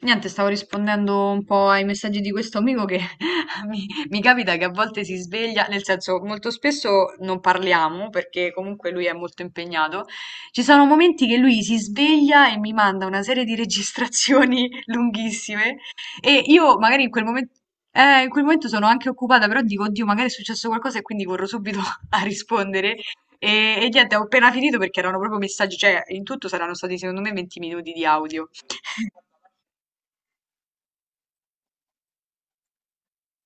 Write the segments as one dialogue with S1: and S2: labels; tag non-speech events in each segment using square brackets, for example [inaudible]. S1: Niente, stavo rispondendo un po' ai messaggi di questo amico che [laughs] mi capita che a volte si sveglia, nel senso molto spesso non parliamo perché comunque lui è molto impegnato. Ci sono momenti che lui si sveglia e mi manda una serie di registrazioni [laughs] lunghissime e io magari in quel momento sono anche occupata, però dico, oddio, magari è successo qualcosa e quindi corro subito [laughs] a rispondere. E niente, ho appena finito perché erano proprio messaggi, cioè in tutto saranno stati secondo me 20 minuti di audio. [laughs]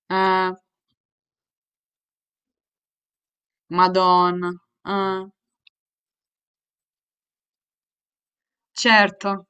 S1: Eh, Madonna, eh, certo.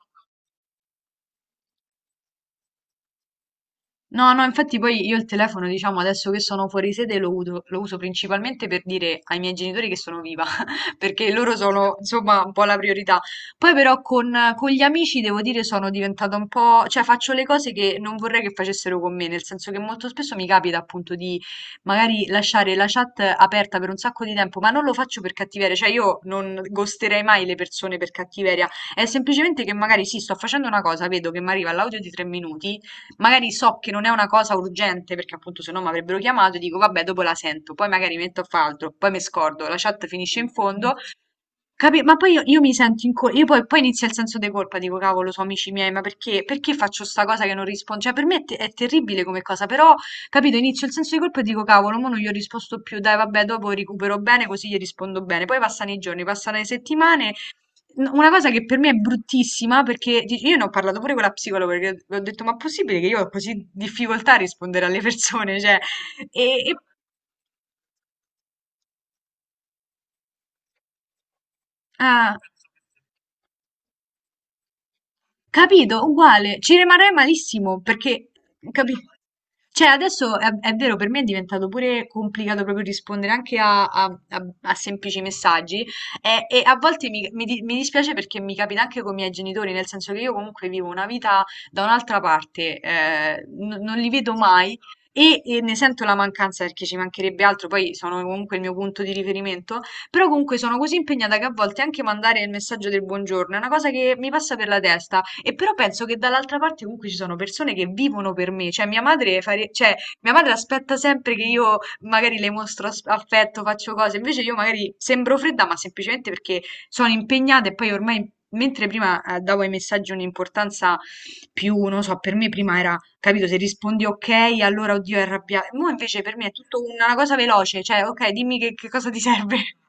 S1: No, no, infatti poi io il telefono, diciamo, adesso che sono fuori sede lo uso principalmente per dire ai miei genitori che sono viva, [laughs] perché loro sono, insomma, un po' la priorità. Poi però con gli amici, devo dire, sono diventata un po', cioè faccio le cose che non vorrei che facessero con me, nel senso che molto spesso mi capita appunto di magari lasciare la chat aperta per un sacco di tempo, ma non lo faccio per cattiveria, cioè io non ghosterei mai le persone per cattiveria, è semplicemente che magari sì, sto facendo una cosa, vedo che mi arriva l'audio di 3 minuti. Magari so che non è una cosa urgente, perché appunto se no mi avrebbero chiamato e dico vabbè, dopo la sento, poi magari metto a fare altro, poi mi scordo, la chat finisce in fondo. Capi Ma poi io mi sento in colpa, io poi inizia il senso di colpa, dico cavolo, sono amici miei, ma perché faccio sta cosa che non rispondo? Cioè per me è terribile come cosa, però, capito, inizio il senso di colpa e dico cavolo, mo non gli ho risposto più, dai vabbè, dopo recupero bene, così gli rispondo bene. Poi passano i giorni, passano le settimane. Una cosa che per me è bruttissima, perché io ne ho parlato pure con la psicologa, perché le ho detto ma è possibile che io ho così difficoltà a rispondere alle persone, [laughs] cioè, e... e- ah. Capito? Uguale, ci rimarrei malissimo perché, capi- cioè, adesso è vero, per me è diventato pure complicato proprio rispondere anche a semplici messaggi e a volte mi dispiace perché mi capita anche con i miei genitori, nel senso che io comunque vivo una vita da un'altra parte, non li vedo mai e ne sento la mancanza perché ci mancherebbe altro, poi sono comunque il mio punto di riferimento, però comunque sono così impegnata che a volte anche mandare il messaggio del buongiorno è una cosa che mi passa per la testa. E però penso che dall'altra parte comunque ci sono persone che vivono per me, cioè mia madre, cioè, mia madre aspetta sempre che io magari le mostro affetto, faccio cose, invece io magari sembro fredda, ma semplicemente perché sono impegnata e poi ormai, mentre prima davo ai messaggi un'importanza più, non so, per me prima era, capito, se rispondi ok, allora oddio è arrabbiata, mo invece per me è tutto una cosa veloce, cioè ok, dimmi che cosa ti serve. [laughs]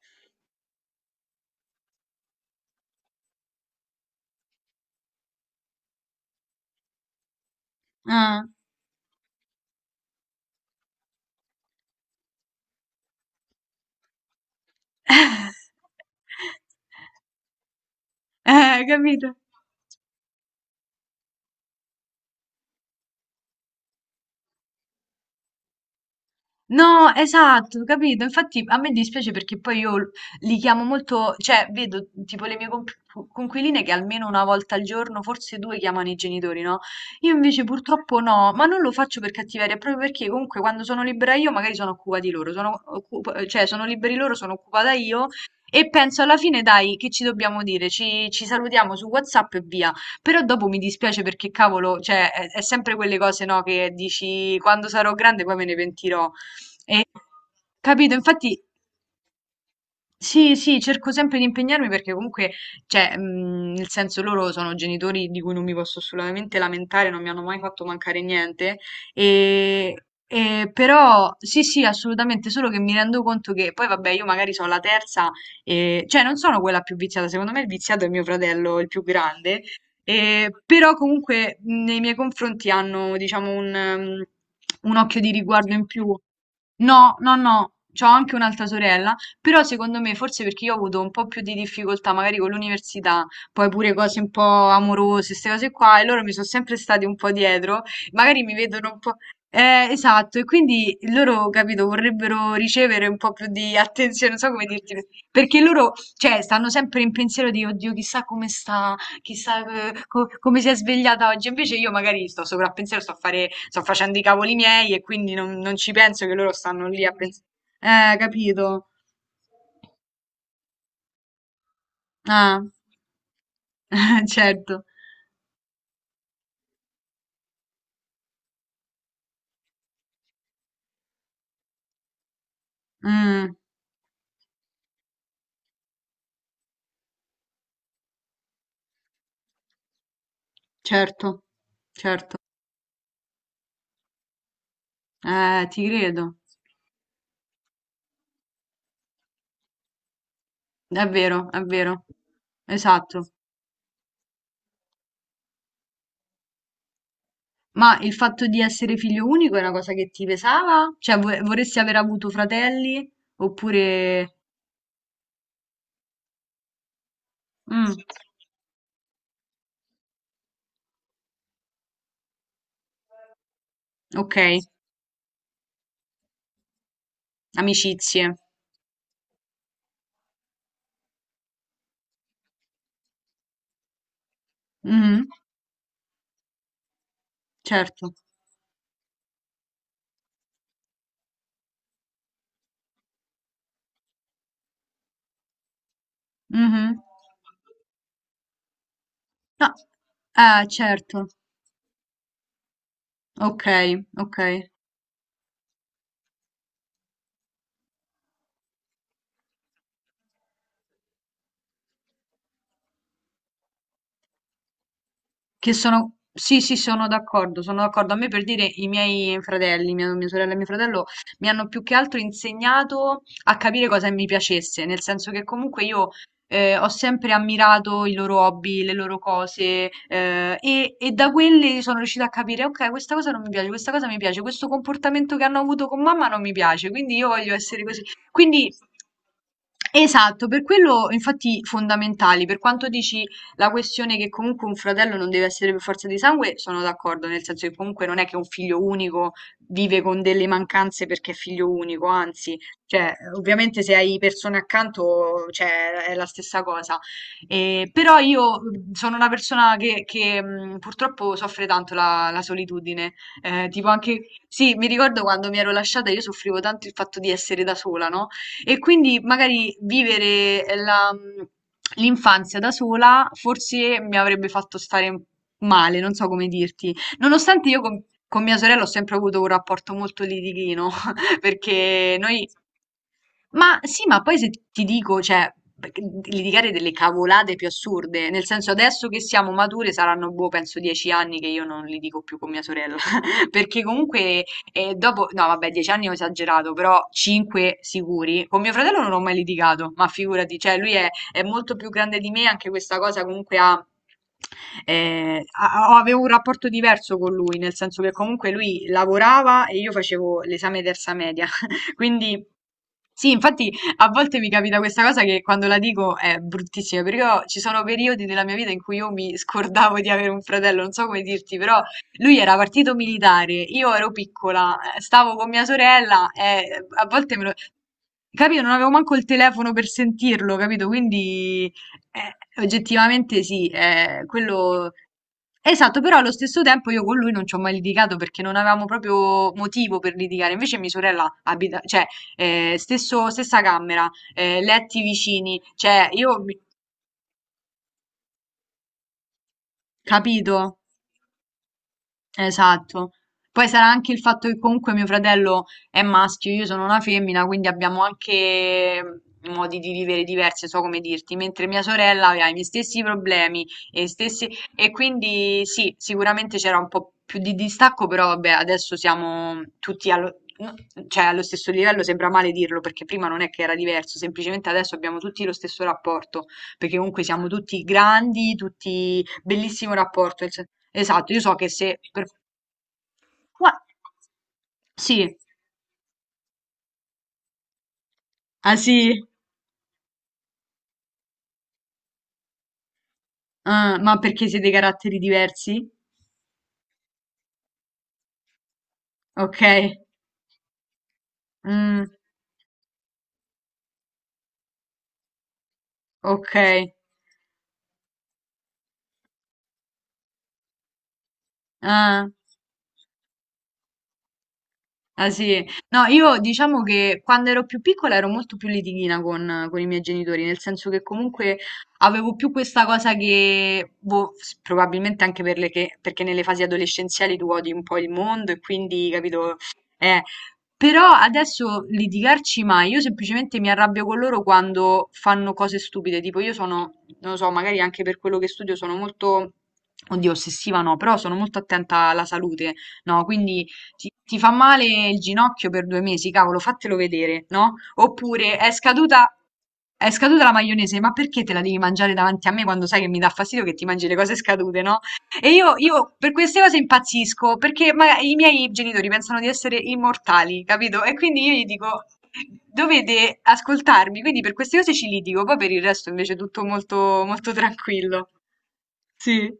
S1: Ah. [laughs] Capito? No, esatto, capito? Infatti a me dispiace perché poi io li chiamo molto, cioè vedo tipo le mie conquiline che almeno una volta al giorno, forse due, chiamano i genitori, no? Io invece purtroppo no, ma non lo faccio per cattiveria, proprio perché comunque quando sono libera io magari sono occupati loro, sono cioè sono liberi loro, sono occupata io e penso alla fine dai, che ci dobbiamo dire? Ci salutiamo su WhatsApp e via. Però dopo mi dispiace perché cavolo, cioè è sempre quelle cose, no, che dici quando sarò grande poi me ne pentirò. E capito? Infatti sì, sì, cerco sempre di impegnarmi perché comunque, cioè, nel senso loro sono genitori di cui non mi posso assolutamente lamentare, non mi hanno mai fatto mancare niente. Ehm, però sì, sì, assolutamente, solo che mi rendo conto che poi vabbè io magari so' la terza, cioè non sono quella più viziata, secondo me il viziato è mio fratello, il più grande, però comunque nei miei confronti hanno diciamo un occhio di riguardo in più. No, no, no, c'ho anche un'altra sorella però secondo me, forse perché io ho avuto un po' più di difficoltà magari con l'università, poi pure cose un po' amorose, queste cose qua, e loro mi sono sempre stati un po' dietro, magari mi vedono un po'... esatto, e quindi loro, capito, vorrebbero ricevere un po' più di attenzione, non so come dirti, perché loro, cioè, stanno sempre in pensiero di, oddio, chissà come sta, chissà come si è svegliata oggi, invece io magari sto sopra a pensiero, sto a fare, sto facendo i cavoli miei e quindi non, non ci penso che loro stanno lì a pensare. Capito. Ah, [laughs] certo. Mm, certo, certo. Ti credo. È vero, è vero. Esatto. Ma il fatto di essere figlio unico è una cosa che ti pesava? Cioè, vorresti aver avuto fratelli? Oppure... Mm, ok, amicizie. Mhm, certo. Mhm. No, certo. Ok, ok. Che sono sì, sì, sono d'accordo, sono d'accordo. A me per dire i miei fratelli, mia sorella e mio fratello, mi hanno più che altro insegnato a capire cosa mi piacesse, nel senso che comunque io ho sempre ammirato i loro hobby, le loro cose, e da quelle sono riuscita a capire, ok, questa cosa non mi piace, questa cosa mi piace, questo comportamento che hanno avuto con mamma non mi piace, quindi io voglio essere così. Quindi, esatto, per quello infatti fondamentali, per quanto dici la questione che comunque un fratello non deve essere per forza di sangue, sono d'accordo, nel senso che comunque non è che un figlio unico vive con delle mancanze perché è figlio unico, anzi, cioè, ovviamente se hai persone accanto, cioè, è la stessa cosa. Però io sono una persona che, purtroppo soffre tanto la solitudine. Tipo anche, sì, mi ricordo quando mi ero lasciata, io soffrivo tanto il fatto di essere da sola, no? E quindi magari vivere l'infanzia da sola forse mi avrebbe fatto stare male, non so come dirti. Nonostante io con mia sorella ho sempre avuto un rapporto molto litighino, [laughs] perché noi... Ma sì, ma poi se ti dico, cioè, perché litigare delle cavolate più assurde, nel senso adesso che siamo mature saranno, boh, penso 10 anni che io non litigo più con mia sorella, [laughs] perché comunque e dopo, no, vabbè, 10 anni ho esagerato, però cinque sicuri. Con mio fratello non ho mai litigato, ma figurati, cioè lui è molto più grande di me, anche questa cosa comunque ha... avevo un rapporto diverso con lui, nel senso che comunque lui lavorava e io facevo l'esame terza media, [laughs] quindi sì, infatti a volte mi capita questa cosa che quando la dico è bruttissima, perché io- ci sono periodi della mia vita in cui io mi scordavo di avere un fratello, non so come dirti, però lui era partito militare, io ero piccola, stavo con mia sorella e a volte me lo... Capito? Non avevo manco il telefono per sentirlo, capito? Quindi oggettivamente sì, quello... Esatto, però allo stesso tempo io con lui non ci ho mai litigato perché non avevamo proprio motivo per litigare. Invece mia sorella abita, cioè, stessa camera, letti vicini, cioè, io... Capito? Esatto. Poi sarà anche il fatto che comunque mio fratello è maschio, io sono una femmina, quindi abbiamo anche modi di vivere diversi, so come dirti, mentre mia sorella aveva i miei stessi problemi e, i stessi... e quindi sì, sicuramente c'era un po' più di distacco, però vabbè, adesso siamo tutti no, cioè, allo stesso livello, sembra male dirlo, perché prima non è che era diverso, semplicemente adesso abbiamo tutti lo stesso rapporto, perché comunque siamo tutti grandi, tutti bellissimo rapporto. Nel senso. Esatto, io so che se... per- Gua- sì, ah sì. Ah, ma perché siete caratteri diversi? Ok, mm, ok. Ah. Ah sì, no, io diciamo che quando ero più piccola ero molto più litighina con i miei genitori, nel senso che comunque avevo più questa cosa che, boh, probabilmente anche per le perché nelle fasi adolescenziali tu odi un po' il mondo e quindi, capito, eh, però adesso litigarci mai, io semplicemente mi arrabbio con loro quando fanno cose stupide, tipo io sono, non lo so, magari anche per quello che studio sono molto, oddio, ossessiva no, però sono molto attenta alla salute, no, quindi... Ti fa male il ginocchio per 2 mesi, cavolo, fatelo vedere, no? Oppure è scaduta la maionese, ma perché te la devi mangiare davanti a me quando sai che mi dà fastidio che ti mangi le cose scadute, no? E io per queste cose impazzisco, perché i miei genitori pensano di essere immortali, capito? E quindi io gli dico, dovete ascoltarmi, quindi per queste cose ci litigo, poi per il resto invece è tutto molto, molto tranquillo. Sì.